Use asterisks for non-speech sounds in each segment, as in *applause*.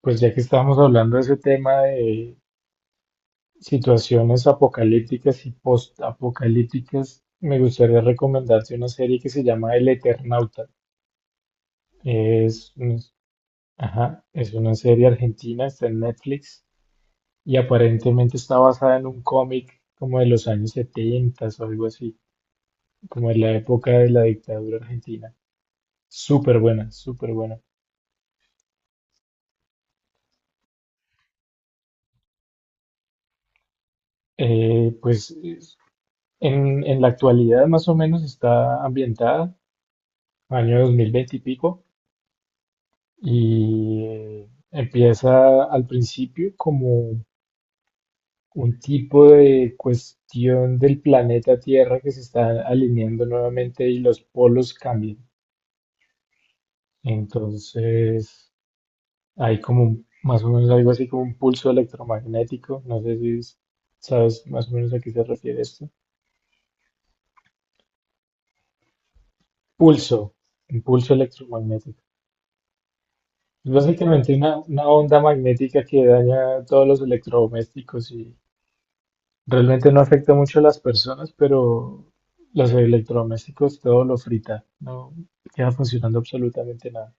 Pues ya que estamos hablando de ese tema de situaciones apocalípticas y post-apocalípticas, me gustaría recomendarte una serie que se llama El Eternauta. Es, un- ajá, es una serie argentina, está en Netflix y aparentemente está basada en un cómic como de los años 70 o algo así, como de la época de la dictadura argentina. Súper buena, súper buena. Eh, pues es- en la actualidad más o menos está ambientada año 2020 y pico, y empieza al principio como un tipo de cuestión del planeta Tierra que se está alineando nuevamente y los polos cambian. Entonces hay como más o menos algo así como un pulso electromagnético, no sé si es- sabes más o menos a qué se refiere esto. Pulso, un pulso electromagnético. Es básicamente una onda magnética que daña todos los electrodomésticos y realmente no afecta mucho a las personas, pero los electrodomésticos todo lo frita, no queda funcionando absolutamente nada.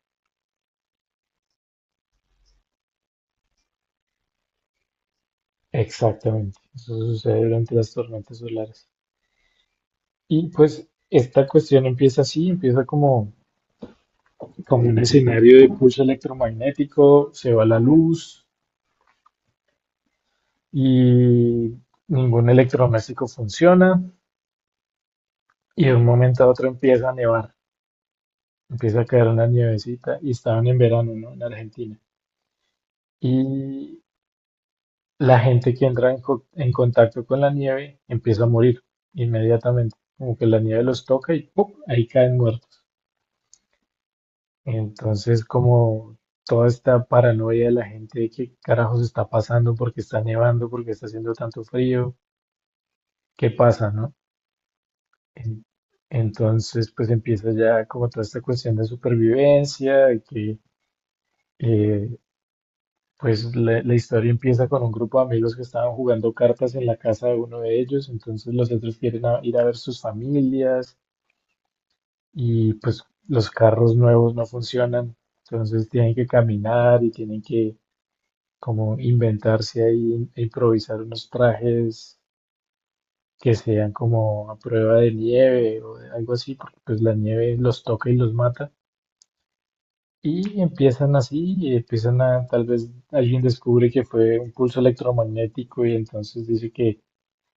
Exactamente, eso sucede durante las tormentas solares. Y pues esta cuestión empieza así, empieza como, como un escenario de pulso electromagnético, se va la luz y ningún electrodoméstico funciona y de un momento a otro empieza a nevar, empieza a caer una nievecita y estaban en verano, ¿no? En Argentina. Y la gente que entra en contacto con la nieve empieza a morir inmediatamente, como que la nieve los toca y ¡pum!, ahí caen muertos. Entonces, como toda esta paranoia de la gente de qué carajos está pasando, porque está nevando, porque está haciendo tanto frío, qué pasa, ¿no? En- Entonces, pues empieza ya como toda esta cuestión de supervivencia, de que eh, pues la historia empieza con un grupo de amigos que estaban jugando cartas en la casa de uno de ellos, entonces los otros quieren ir a ver sus familias y pues los carros nuevos no funcionan, entonces tienen que caminar y tienen que como inventarse ahí e improvisar unos trajes que sean como a prueba de nieve o de algo así, porque pues la nieve los toca y los mata. Y empiezan así, y empiezan a, tal vez alguien descubre que fue un pulso electromagnético y entonces dice que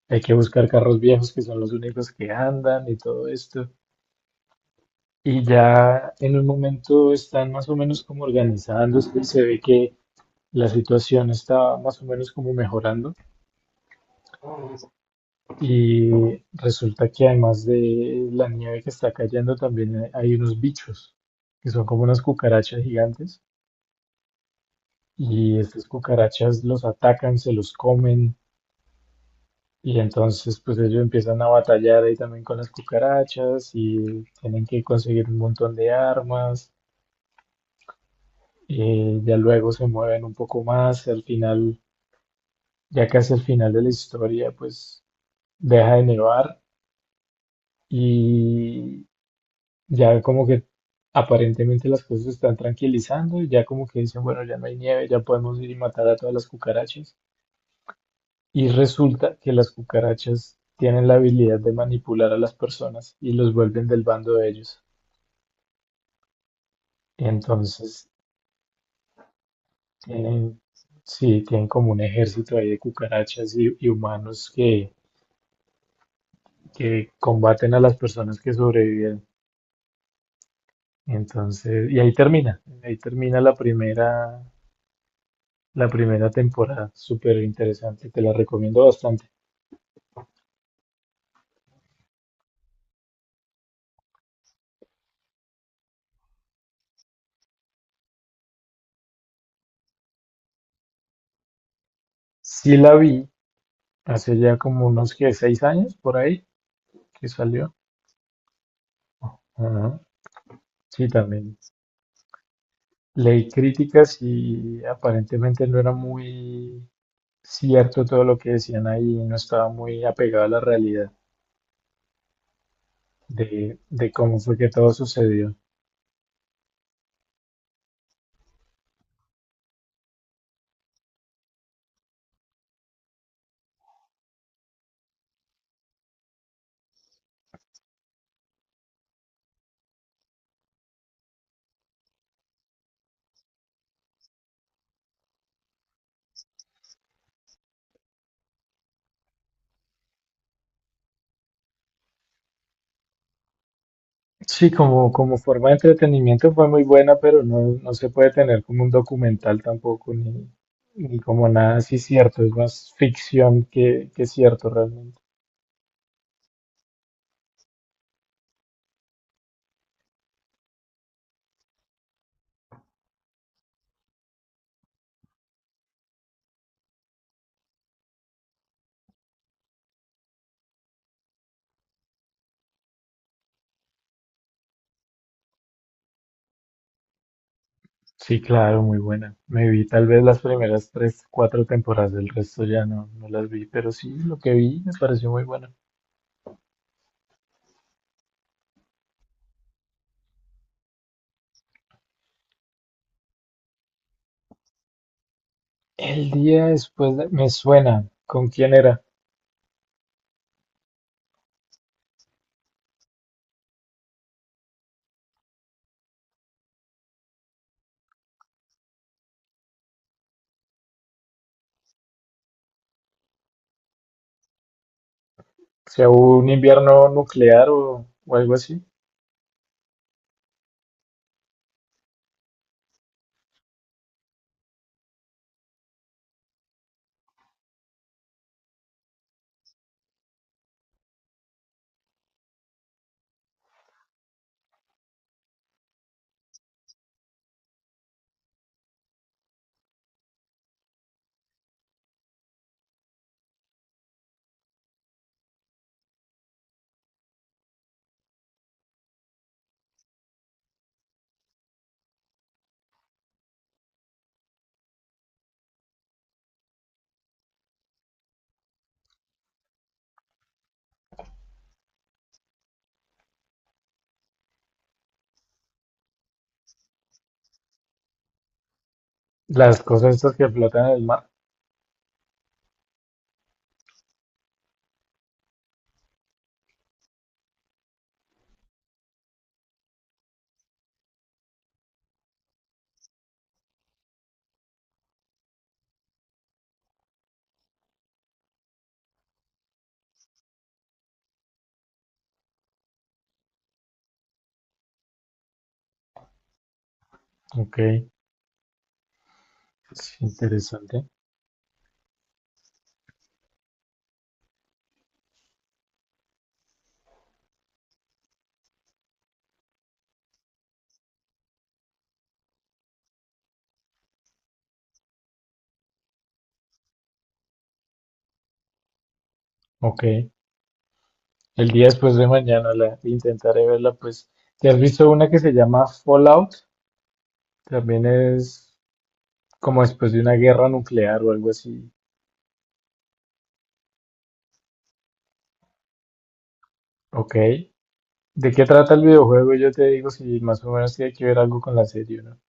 hay que buscar carros viejos que son los únicos que andan y todo esto. Y ya en un momento están más o menos como organizándose y se ve que la situación está más o menos como mejorando. Y resulta que además de la nieve que está cayendo, también hay unos bichos que son como unas cucarachas gigantes y estas cucarachas los atacan, se los comen y entonces pues ellos empiezan a batallar ahí también con las cucarachas y tienen que conseguir un montón de armas. Ya luego se mueven un poco más, al final, ya casi al final de la historia pues deja de nevar y ya como que aparentemente las cosas se están tranquilizando y ya como que dicen, bueno, ya no hay nieve, ya podemos ir y matar a todas las cucarachas. Y resulta que las cucarachas tienen la habilidad de manipular a las personas y los vuelven del bando de ellos. Entonces tienen, sí, tienen como un ejército ahí de cucarachas y humanos que combaten a las personas que sobreviven. Entonces, y ahí termina la primera temporada, súper interesante, te la recomiendo bastante. Sí la vi hace ya como unos que 6 años por ahí que salió. Ajá. Sí, también leí críticas y aparentemente no era muy cierto todo lo que decían ahí, no estaba muy apegado a la realidad de cómo fue que todo sucedió. Sí, como, como forma de entretenimiento fue muy buena, pero no, no se puede tener como un documental tampoco, ni, ni como nada así cierto, es más ficción que cierto realmente. Sí, claro, muy buena. Me vi tal vez las primeras tres, cuatro temporadas, del resto ya no, no las vi, pero sí, lo que vi me pareció muy bueno. El día después de- Me suena. ¿Con quién era? O sea, ¿hubo un invierno nuclear o algo así? Las cosas estas que flotan en el mar. Ok, es interesante. Ok. El día después de mañana la intentaré verla, pues. ¿Te has visto una que se llama Fallout? También es como después de una guerra nuclear o algo así. Ok. ¿De qué trata el videojuego? Yo te digo si más o menos tiene que ver algo con la serie, ¿no?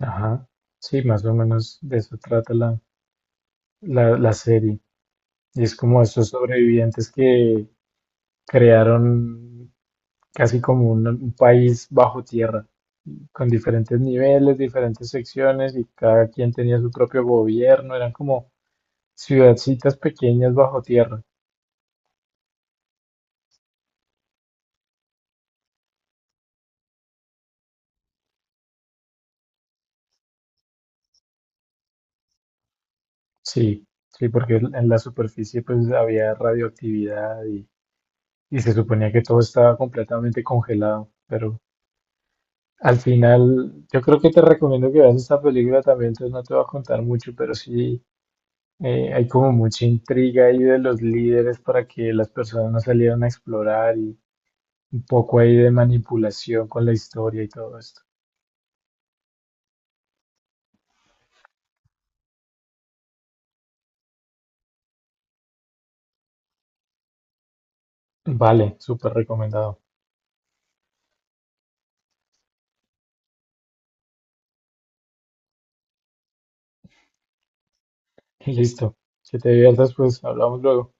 Ajá. Sí, más o menos de eso trata la, la, la serie. Y es como esos sobrevivientes que crearon casi como un país bajo tierra, con diferentes niveles, diferentes secciones y cada quien tenía su propio gobierno, eran como ciudadcitas pequeñas bajo tierra. Sí, sí, porque en la superficie pues había radioactividad y se suponía que todo estaba completamente congelado, pero al final yo creo que te recomiendo que veas esta película también, entonces no te voy a contar mucho, pero sí hay como mucha intriga ahí de los líderes para que las personas no salieran a explorar y un poco ahí de manipulación con la historia y todo esto. Vale, súper recomendado. *laughs* Listo. Que te diviertas, pues hablamos luego.